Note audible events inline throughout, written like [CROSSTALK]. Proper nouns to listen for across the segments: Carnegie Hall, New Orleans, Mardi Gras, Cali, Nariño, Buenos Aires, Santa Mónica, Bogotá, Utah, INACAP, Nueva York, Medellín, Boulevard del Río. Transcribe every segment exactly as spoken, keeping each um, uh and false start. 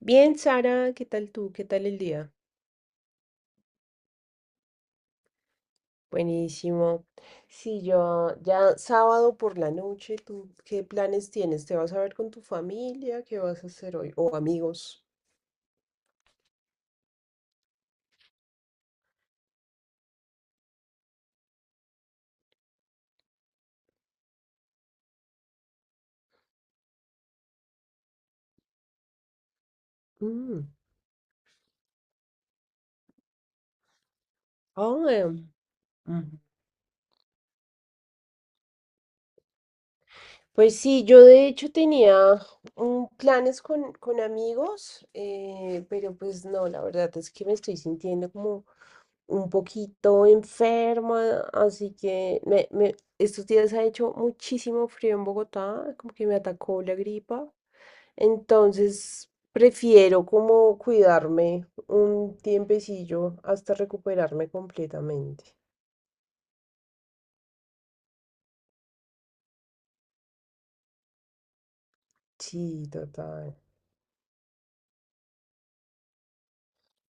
Bien, Sara, ¿qué tal tú? ¿Qué tal el día? Buenísimo. Sí, yo ya sábado por la noche, ¿tú qué planes tienes? ¿Te vas a ver con tu familia? ¿Qué vas a hacer hoy? ¿O amigos? Mm. Ah. Em. Mm. Pues sí, yo de hecho tenía mm, planes con, con amigos, eh, pero pues no, la verdad es que me estoy sintiendo como un poquito enferma, así que me, me- estos días ha hecho muchísimo frío en Bogotá, como que me atacó la gripa, entonces prefiero como cuidarme un tiempecillo hasta recuperarme completamente. Sí, total.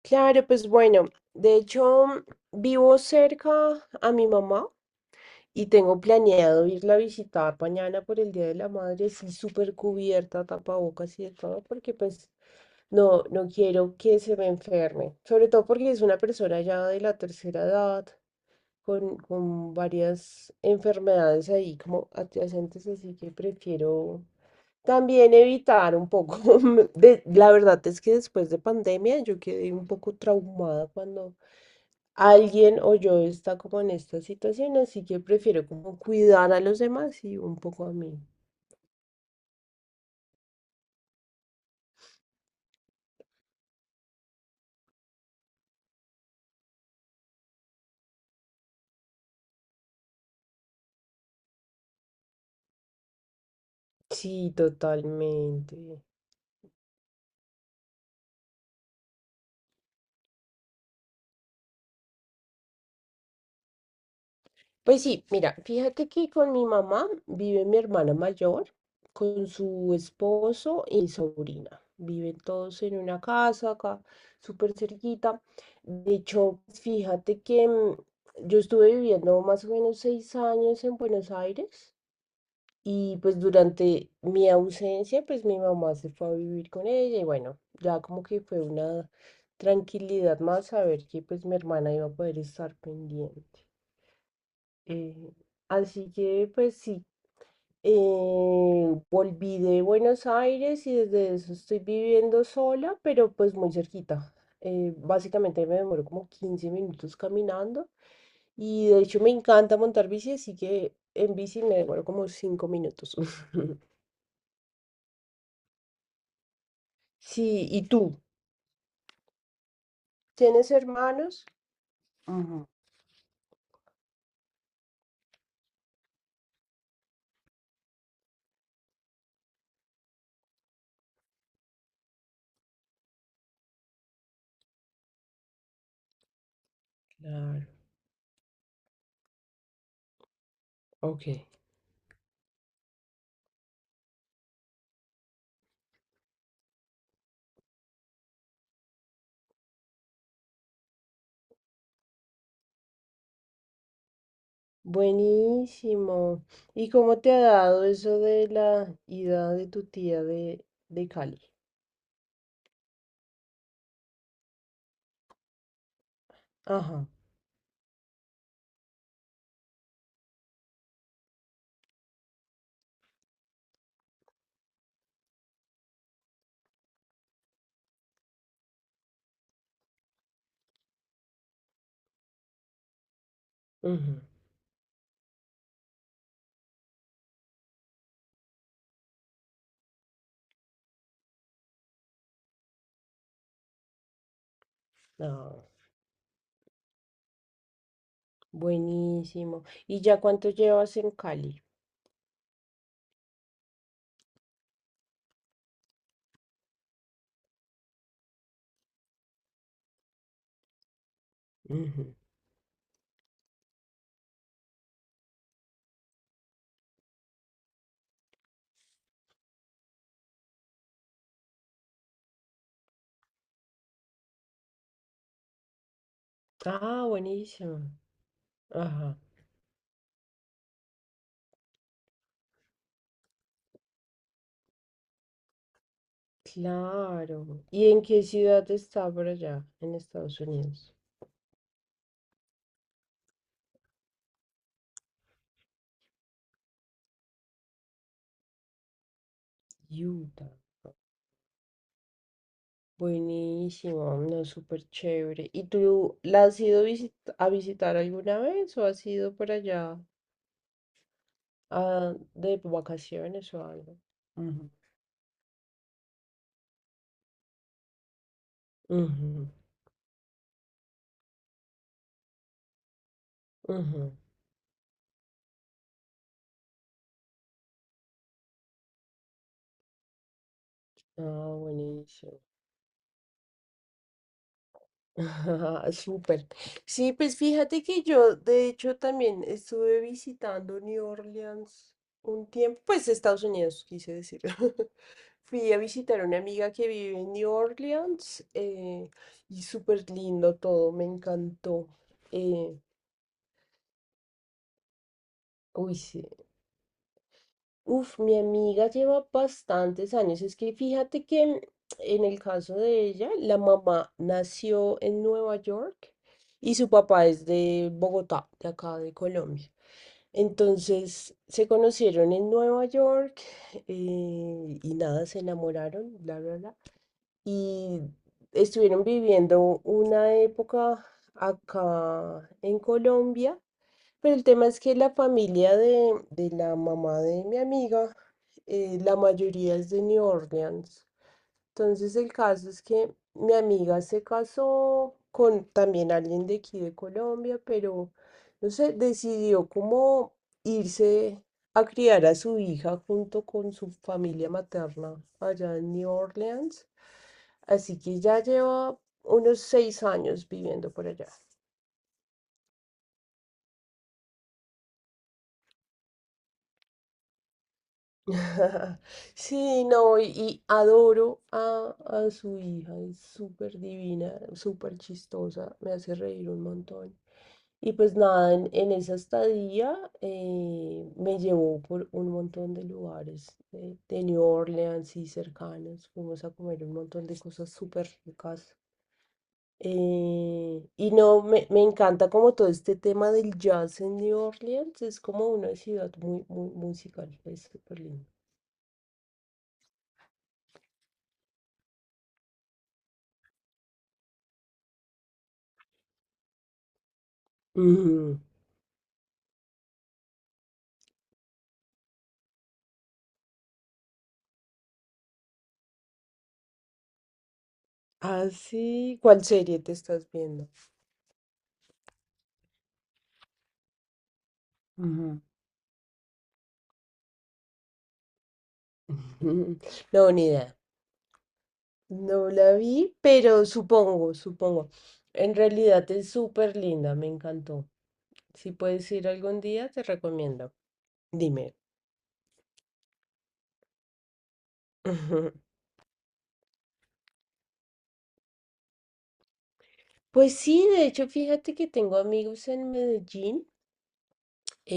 Claro, pues bueno, de hecho vivo cerca a mi mamá y tengo planeado irla a visitar mañana por el Día de la Madre, sí, súper cubierta, tapabocas y de todo, porque pues no, no quiero que se me enferme, sobre todo porque es una persona ya de la tercera edad, con, con varias enfermedades ahí como adyacentes, así que prefiero también evitar un poco, [LAUGHS] de, la verdad es que después de pandemia yo quedé un poco traumada cuando alguien o yo está como en esta situación, así que prefiero como cuidar a los demás y un poco a mí. Sí, totalmente. Pues sí, mira, fíjate que con mi mamá vive mi hermana mayor, con su esposo y sobrina. Viven todos en una casa acá, súper cerquita. De hecho, fíjate que mm, yo estuve viviendo más o menos seis años en Buenos Aires, y pues durante mi ausencia, pues mi mamá se fue a vivir con ella y bueno, ya como que fue una tranquilidad más saber que pues mi hermana iba a poder estar pendiente. Eh, Así que pues sí, eh, volví de Buenos Aires y desde eso estoy viviendo sola, pero pues muy cerquita. Eh, básicamente me demoro como quince minutos caminando, y de hecho me encanta montar bici, así que en bici me demoro como cinco minutos. [LAUGHS] Sí, ¿y tú? ¿Tienes hermanos? Ujú. Claro, ok. Buenísimo. ¿Y cómo te ha dado eso de la ida de tu tía de, de Cali? Ajá. Ujú. Ah, buenísimo. ¿Y ya cuánto llevas en Cali? Ujú. Ah, buenísimo. Ajá. Claro. ¿Y en qué ciudad está por allá, en Estados Unidos? Utah. Buenísimo, no, súper chévere. ¿Y tú la has ido visit- a visitar alguna vez o has ido por allá? Ah, de vacaciones o algo. Ujú. Ujú, ujú. Ah, buenísimo. [LAUGHS] Súper. Sí, pues fíjate que yo, de hecho, también estuve visitando New Orleans un tiempo, pues Estados Unidos, quise decir. [LAUGHS] Fui a visitar a una amiga que vive en New Orleans, eh, y súper lindo todo, me encantó. Eh, Uy, sí, uf, mi amiga lleva bastantes años. Es que fíjate que en el caso de ella, la mamá nació en Nueva York y su papá es de Bogotá, de acá de Colombia. Entonces se conocieron en Nueva York, eh, y nada, se enamoraron, bla, bla, bla. Y estuvieron viviendo una época acá en Colombia. Pero el tema es que la familia de, de la mamá de mi amiga, eh, la mayoría es de New Orleans. Entonces el caso es que mi amiga se casó con también alguien de aquí de Colombia, pero no sé, decidió como irse a criar a su hija junto con su familia materna allá en New Orleans. Así que ya lleva unos seis años viviendo por allá. [LAUGHS] Sí, no, y, y adoro a, a su hija, es súper divina, súper chistosa, me hace reír un montón. Y pues nada, en, en esa estadía eh, me llevó por un montón de lugares eh, de New Orleans y cercanos, fuimos a comer un montón de cosas súper ricas. Eh, y no, me, me encanta como todo este tema del jazz en New Orleans, es como una ciudad muy, muy musical, es súper lindo. Ah, sí. ¿Cuál serie te estás viendo? Ujú. [LAUGHS] No, ni idea. No la vi, pero supongo, supongo. En realidad es súper linda, me encantó. Si puedes ir algún día, te recomiendo. Dime. [LAUGHS] Pues sí, de hecho, fíjate que tengo amigos en Medellín,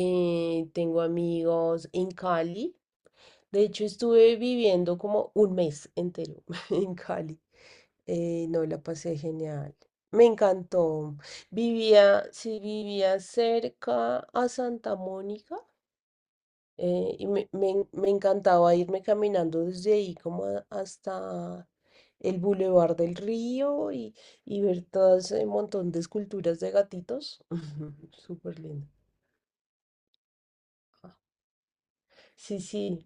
eh, tengo amigos en Cali. De hecho, estuve viviendo como un mes entero [LAUGHS] en Cali. Eh, no, la pasé genial. Me encantó. Vivía, sí, vivía cerca a Santa Mónica, eh, y me, me en- me encantaba irme caminando desde ahí como a- hasta el Boulevard del Río, y, y ver todo ese montón de esculturas de gatitos. [LAUGHS] Súper lindo. Sí, sí.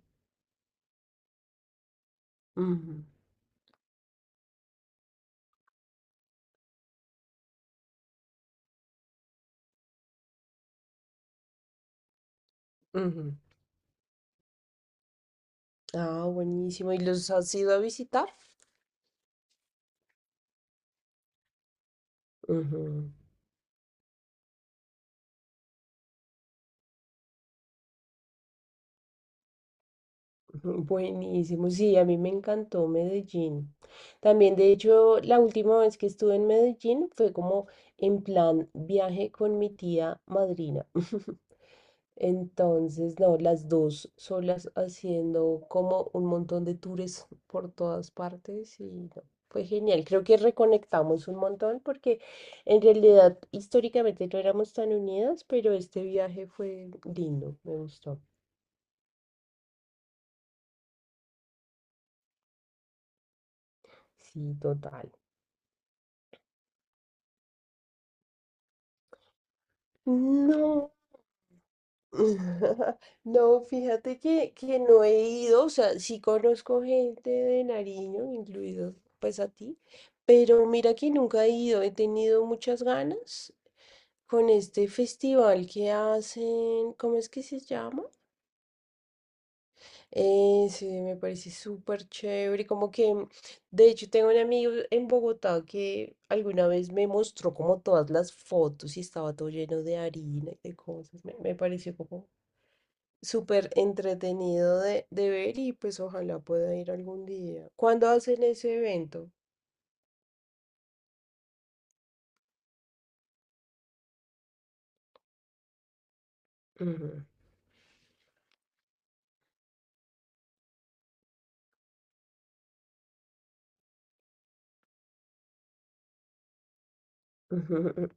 Ujú, ujú. Ah, buenísimo. ¿Y los has ido a visitar? Ujú, ujú. Buenísimo. Sí, a mí me encantó Medellín. También, de hecho, la última vez que estuve en Medellín fue como en plan viaje con mi tía madrina. [LAUGHS] Entonces, no, las dos solas haciendo como un montón de tours por todas partes y no, fue genial. Creo que reconectamos un montón porque en realidad históricamente no éramos tan unidas, pero este viaje fue lindo, me gustó. Sí, total. No. [LAUGHS] No, fíjate que, que no he ido, o sea, sí conozco gente de Nariño, incluido pues a ti, pero mira que nunca he ido, he tenido muchas ganas con este festival que hacen, ¿cómo es que se llama? Eh, sí, me parece súper chévere, como que, mm, de hecho, tengo un amigo en Bogotá que alguna vez me mostró como todas las fotos y estaba todo lleno de harina y de cosas, me, me pareció como súper entretenido de, de ver y pues ojalá pueda ir algún día. ¿Cuándo hacen ese evento? Ujú. [LAUGHS] Ujú.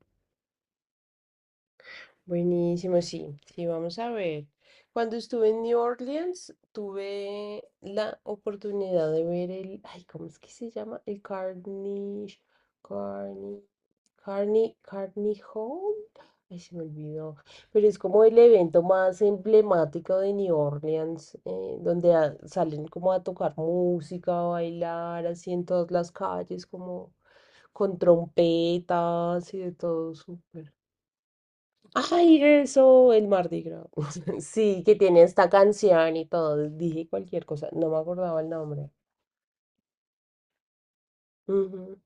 Buenísimo, sí, sí, vamos a ver. Cuando estuve en New Orleans, tuve la oportunidad de ver el, ay, ¿cómo es que se llama? El Carnegie, Carnegie, Carnegie, Carnegie Hall. Ay, se me olvidó. Pero es como el evento más emblemático de New Orleans, eh, donde a- salen como a tocar música, a bailar, así en todas las calles, como con trompetas y de todo, súper. Ay, eso, el Mardi Gras. [LAUGHS] Sí, que tiene esta canción y todo. Dije cualquier cosa, no me acordaba el nombre. Ujú.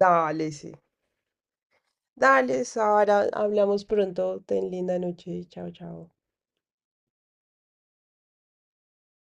Dale, sí. Dale, Sara, hablamos pronto. Ten linda noche. Chao, chao.